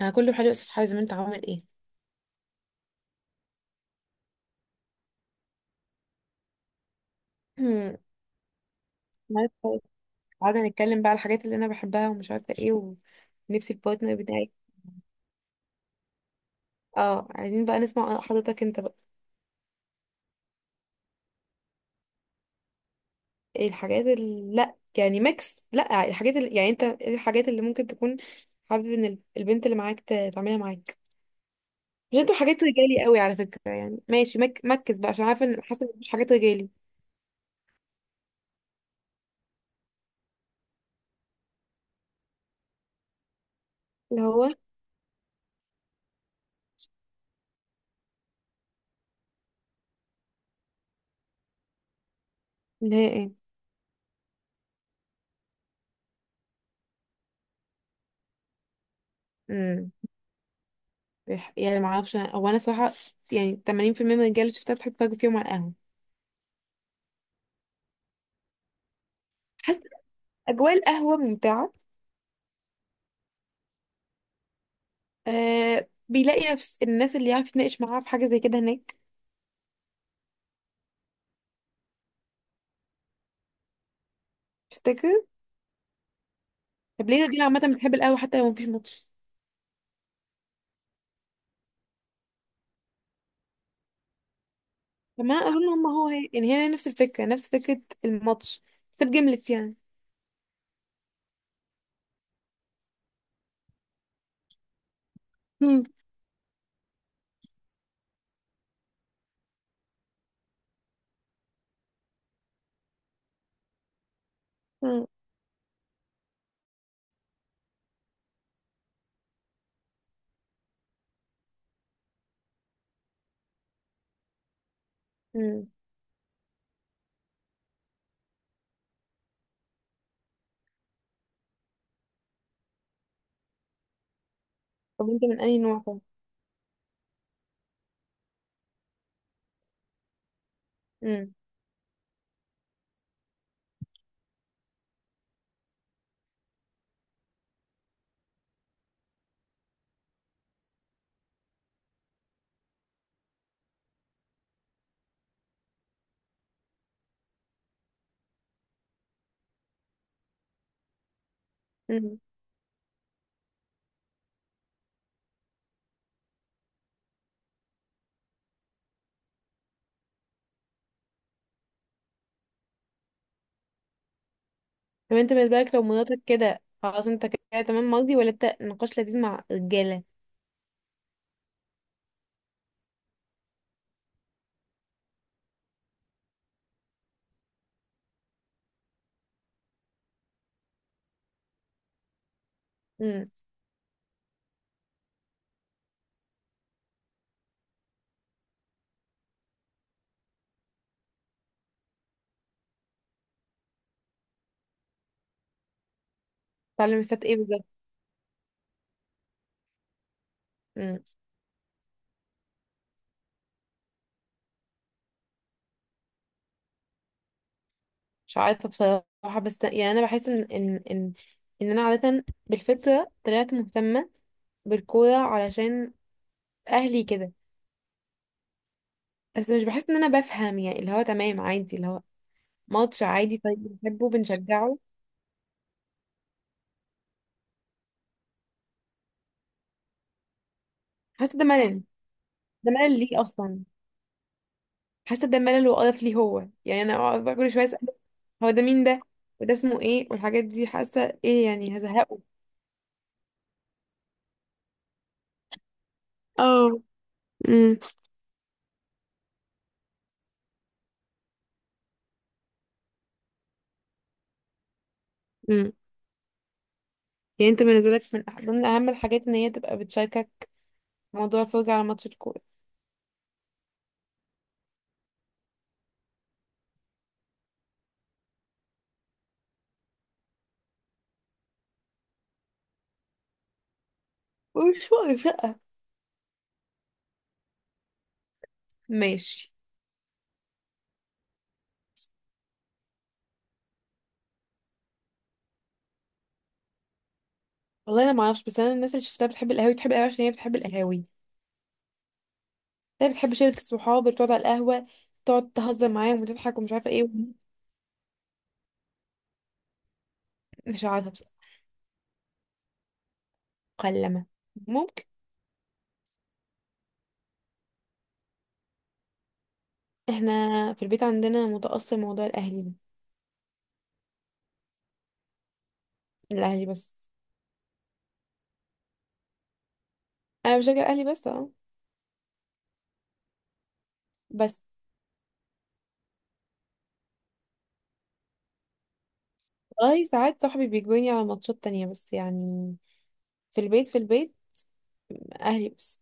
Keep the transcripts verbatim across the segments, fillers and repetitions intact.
انا كله حلو يا استاذ حازم، انت عامل ايه؟ النهاردة قعدنا نتكلم بقى على الحاجات اللي انا بحبها ومش عارفه ايه، ونفسي البارتنر بتاعي. اه، عايزين بقى نسمع حضرتك انت بقى. ايه الحاجات اللي لا يعني ميكس، لا الحاجات اللي يعني انت، ايه الحاجات اللي ممكن تكون حابب ان ال- البنت اللي معاك ت- تعملها معاك؟ مش انتوا حاجات رجالي قوي على فكره، يعني ماشي مك... مكس بقى، عشان عارفه ان حاسه إن مفيش حاجات رجالي. اللي هو. اللي هي ايه؟ امم يعني ما اعرفش، هو انا صراحه يعني ثمانين في المية من الرجاله اللي شفتها بتحط فرق فيهم على القهوه. أجواء القهوة ممتعة. أه، بيلاقي نفس الناس اللي يعرف يتناقش معاها في حاجة زي كده هناك. تفتكر؟ طب ليه دي عامة بتحب القهوة حتى لو مفيش ماتش؟ طب ما أنا أظن هم هو هي، يعني هي نفس الفكرة، نفس فكرة الماتش، بس بجملت يعني. مم. مم. مم. طب أنت من أي نوع؟ طب. مم. مم. طب أنت بالنسبة لك لو مراتك كده خلاص أنت كده تمام مرضي، ولا أنت نقاش لذيذ مع رجالة؟ مم. تعلم الستات إيه بالظبط؟ مش عارفة بصراحة، بس يعني أنا بحس إن إن إن إن أنا عادة بالفطرة طلعت مهتمة بالكورة، علشان أهلي كده. بس مش بحس إن أنا بفهم، يعني اللي هو تمام عادي، اللي هو ماتش عادي، طيب بنحبه بنشجعه. حاسة ده ملل. ده ملل ليه أصلا؟ حاسة ده ملل وقرف، ليه؟ هو يعني أنا أقعد بقى كل شوية أسأل هو ده مين؟ ده وده اسمه إيه؟ والحاجات دي حاسة إيه، يعني هزهقه. اه. امم. امم. يعني انت بالنسبة لك من أح- ضمن أهم الحاجات إن هي تبقى بتشاركك موضوع الفرجة على ماتش الكورة؟ مش واقف، لأ. ماشي. والله انا ما اعرفش، بس انا الناس اللي شفتها بتحب القهاوي بتحب القهاوي عشان هي بتحب القهاوي، هي بتحب شله الصحاب اللي بتقعد على القهوه، تقعد تهزر معاهم وتضحك ومش عارفه ايه. مش عارفه بس. مكلمه. ممكن. احنا في البيت عندنا متأثر موضوع الاهلي ده. الاهلي بس. انا بشجع الاهلي بس، اه. بس. والله ساعات صاحبي بيجبرني على ماتشات تانية، بس يعني في البيت في البيت اهلي بس.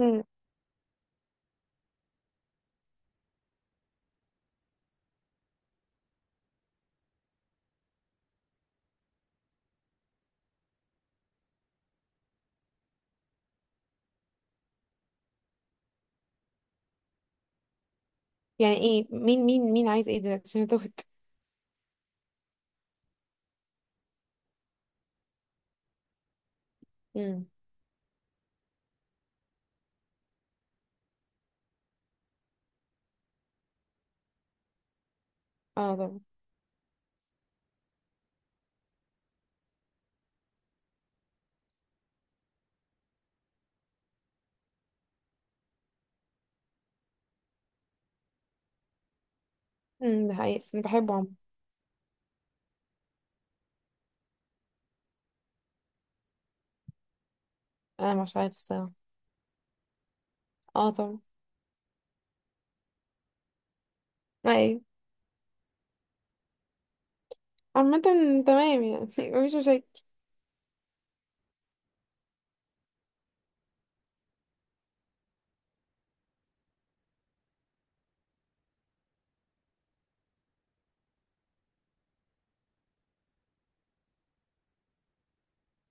مم. يعني ايه؟ مين مين مين عايز ايه دلوقتي؟ عشان اتوهت. امم. اه طبعا. امم، ده حقيقي أنا بحبه عم. انا مش عارفه الصراحه. اه طبعا. ما ايه. عامة تمام يعني مفيش مشاكل.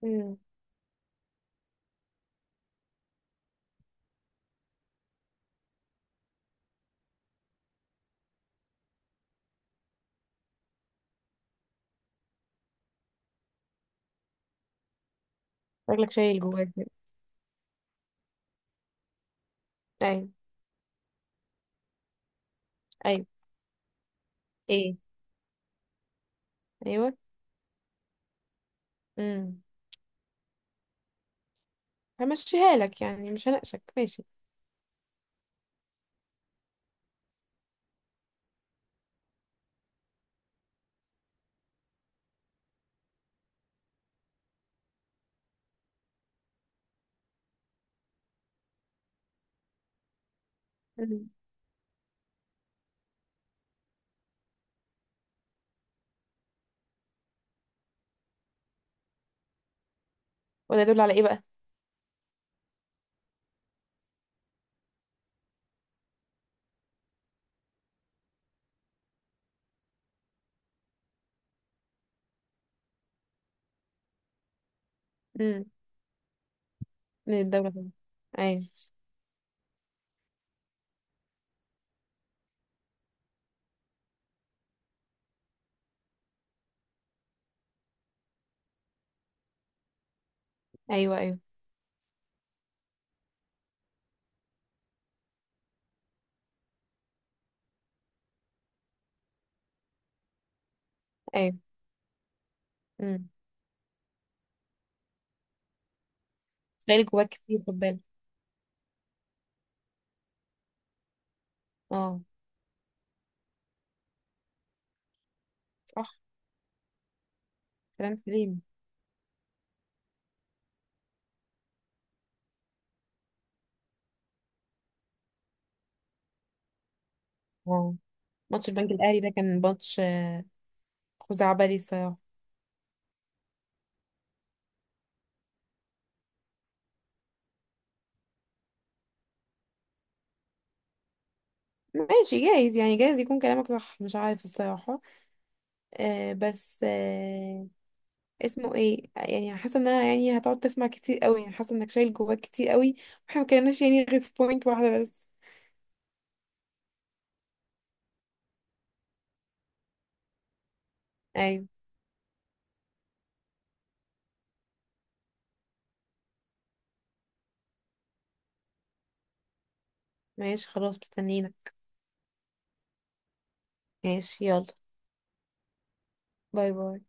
امم. شكلك شايل جواك كده. ايوه. ايوه. ايه. ايوه. امم. همشيها لك يعني، مش هناقشك، ماشي. امم. وده يدل على ايه بقى؟ امم. من الدولة طبعا. ايوه. ايوه. ايوه. ايوه. امم. شايل جواك كتير، خد بالك. اه. صح. كلام سليم. اه. ماتش البنك الاهلي ده كان ماتش خزعبلي الصراحه. ماشي، جايز يعني، جايز يكون كلامك صح، مش عارف الصراحه. آه بس آه، اسمه ايه يعني، حاسه انها يعني هتقعد تسمع كتير قوي، يعني حاسه انك شايل جواك كتير قوي، واحنا ما كناش يعني غير في بوينت واحده بس. ايوه. ماشي خلاص، مستنينا. ماشي يلا. باي باي.